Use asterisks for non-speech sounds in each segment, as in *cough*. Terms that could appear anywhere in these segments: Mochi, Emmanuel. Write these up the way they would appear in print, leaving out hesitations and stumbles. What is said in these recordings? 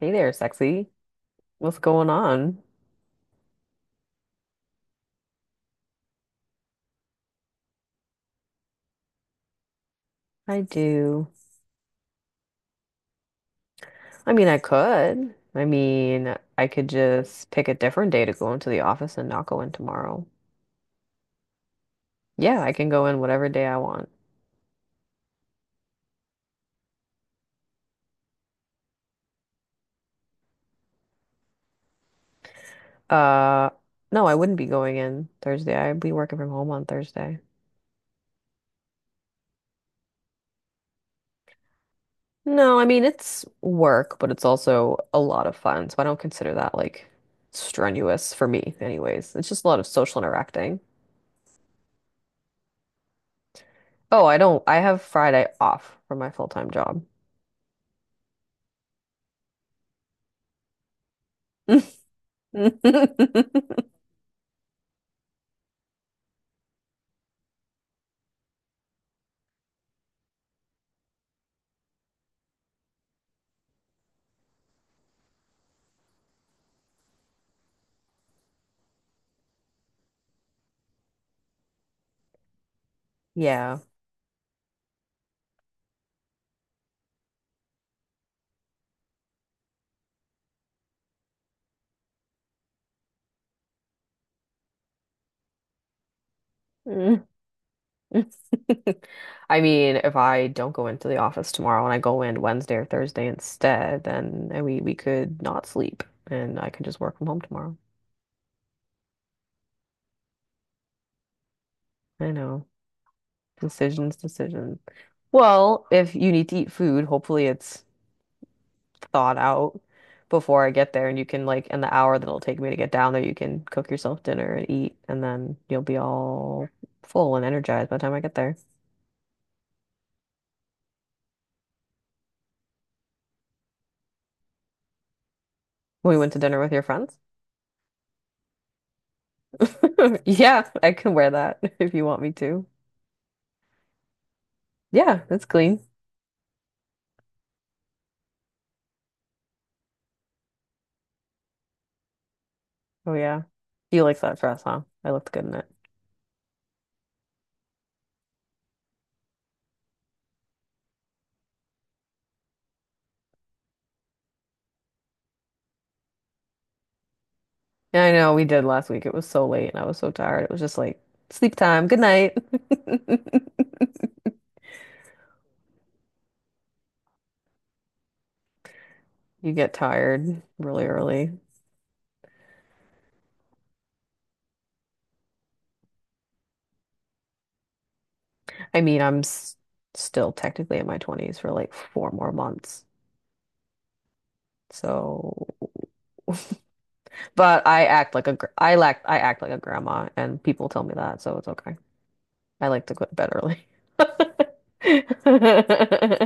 Hey there, sexy. What's going on? I do. I mean, I could. I mean, I could just pick a different day to go into the office and not go in tomorrow. Yeah, I can go in whatever day I want. Uh, no, I wouldn't be going in Thursday. I'd be working from home on Thursday. No, I mean, it's work, but it's also a lot of fun. So I don't consider that like strenuous for me, anyways. It's just a lot of social interacting. Oh, I don't, I have Friday off from my full-time job. *laughs* Yeah. Mm. *laughs* I mean, if I don't go into the office tomorrow and I go in Wednesday or Thursday instead, then we could not sleep and I could just work from home tomorrow. I know. Decisions, decisions. Well, if you need to eat food, hopefully it's thawed out before I get there and you can like in the hour that it'll take me to get down there, you can cook yourself dinner and eat and then you'll be all full and energized by the time I get there. We went to dinner with your friends. *laughs* Yeah, I can wear that *laughs* if you want me to. Yeah, that's clean. Oh yeah. You like that dress, huh? I looked good in it. Yeah, I know we did last week. It was so late and I was so tired. It was just like sleep time. Good night. *laughs* You get tired really early. I mean, I'm s still technically in my 20s for like four more months. So, but I act like a grandma and people tell me that, so it's okay. I like to go to bed early. *laughs*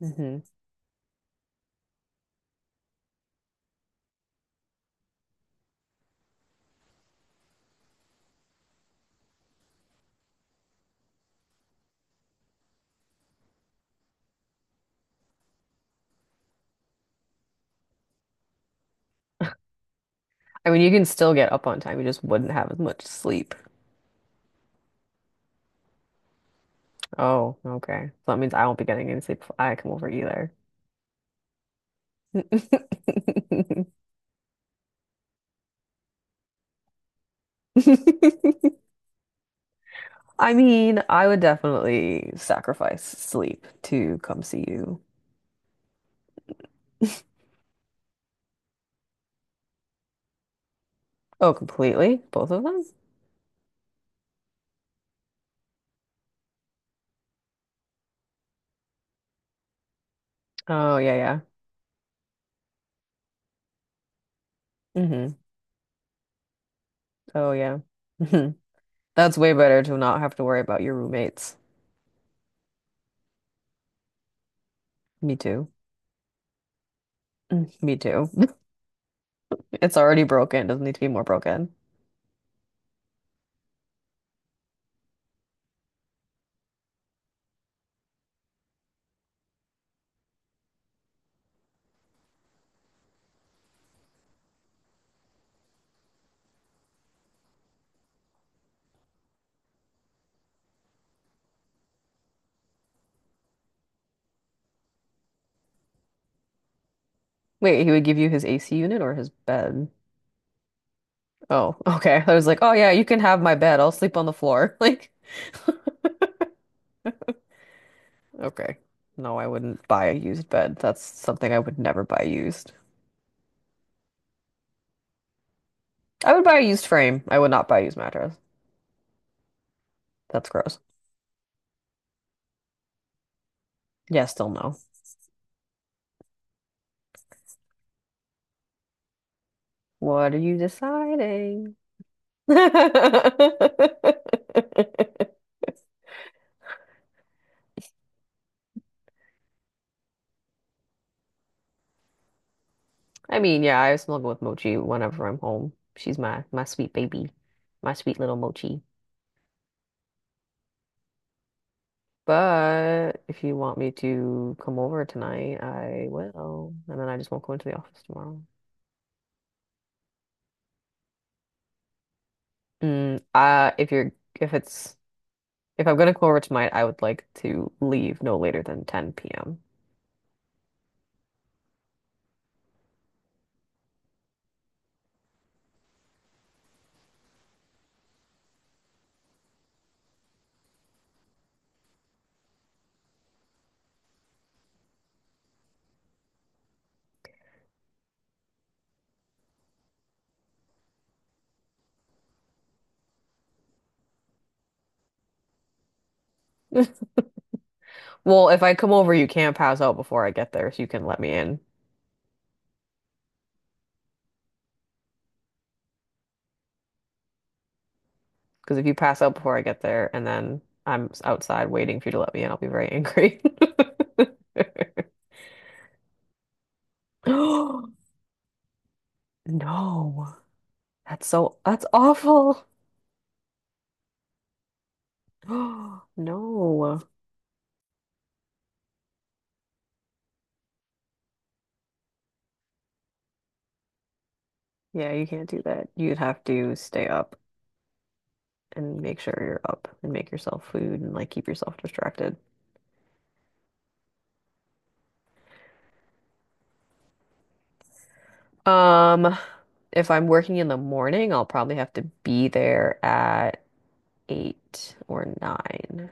Hmm. I mean, you can still get up on time. You just wouldn't have as much sleep. Oh, okay. So that means I won't be getting any sleep if I come over either. *laughs* I mean, I would definitely sacrifice sleep to come see you. Oh, completely? Both of them? Oh, yeah, yeah. Hmm. Oh, yeah. Hmm. That's way better to not have to worry about your roommates. Me too. Mm, me too. *laughs* It's already broken. Doesn't need to be more broken. Wait, he would give you his AC unit or his bed? Oh, *laughs* okay. I was like, oh yeah, you can have my bed. I'll sleep on the floor. *laughs* Like, okay. No, I wouldn't buy a used bed. That's something I would never buy used. I would buy a used frame. I would not buy a used mattress. That's gross. Yeah, still no. What are you deciding? *laughs* I mean, yeah, I snuggle with Mochi whenever I'm home. She's my sweet baby, my sweet little Mochi. But if you want me to come over tonight, I will, and then I just won't go into the office tomorrow. If you're if it's If I'm gonna come over tonight, I would like to leave no later than 10 p.m. Well, if I come over, you can't pass out before I get there, so you can let me in. Because if you pass out before I get there and then outside waiting for you to let me in, I'll be very angry. *laughs* *gasps* No, that's awful. *gasps* No. Yeah, you can't do that. You'd have to stay up and make sure you're up and make yourself food and like keep yourself distracted. Um, if I'm working in the morning, I'll probably have to be there at eight or nine.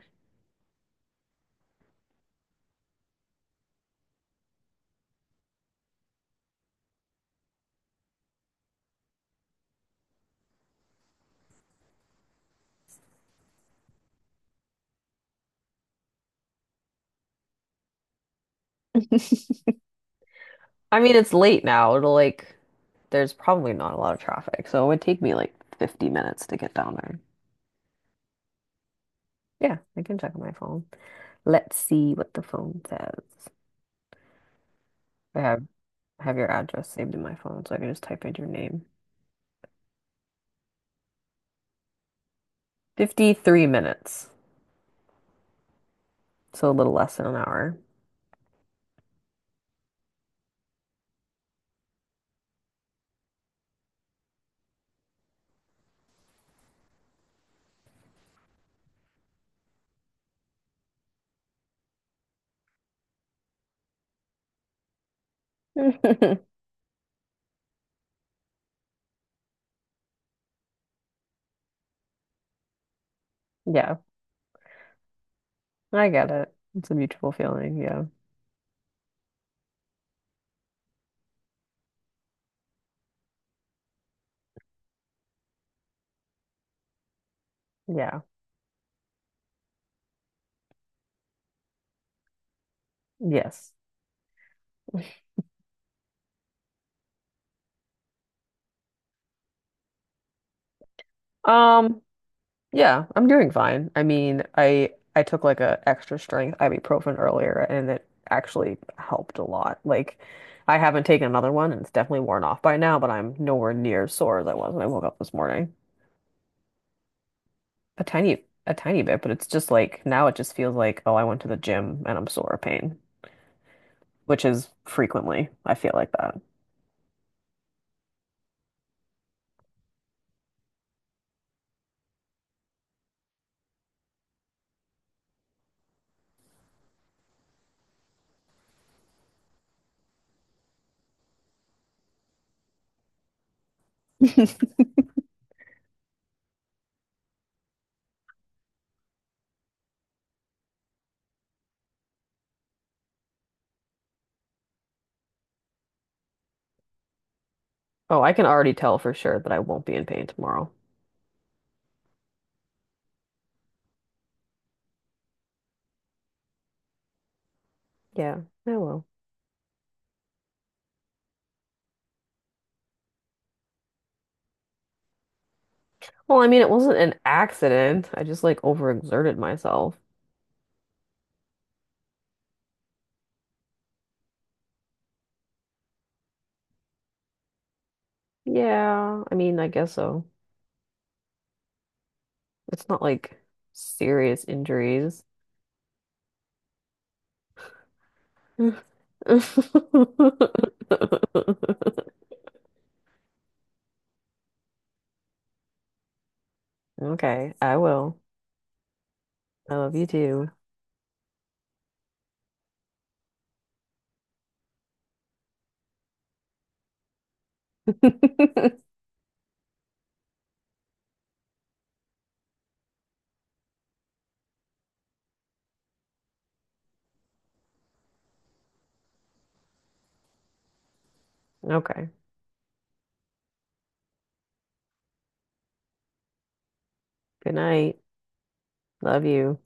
I mean, it's late now. It'll like, there's probably not a lot of traffic, so it would take me like 50 minutes to get down there. Yeah, I can check on my phone. Let's see what the phone says. I have your address saved in my phone, so I can just type in your name. 53 minutes, so a little less than an hour. *laughs* Yeah, I get it. It's a mutual feeling. Yeah. Yeah. Yes. Um, yeah, I'm doing fine. I mean, I took like a extra strength ibuprofen earlier and it actually helped a lot. Like I haven't taken another one and it's definitely worn off by now, but I'm nowhere near as sore as I was when I woke up this morning. A tiny bit, but it's just like now it just feels like, oh, I went to the gym and I'm sore of pain, which is frequently I feel like that. *laughs* Oh, I can already tell for sure that I won't be in pain tomorrow. Yeah, I will. Well, I mean, it wasn't an accident. I just like overexerted myself. Yeah, I mean, I guess so. It's not like serious injuries. *laughs* Okay, I will. I love you too. *laughs* Okay, good night. Love you.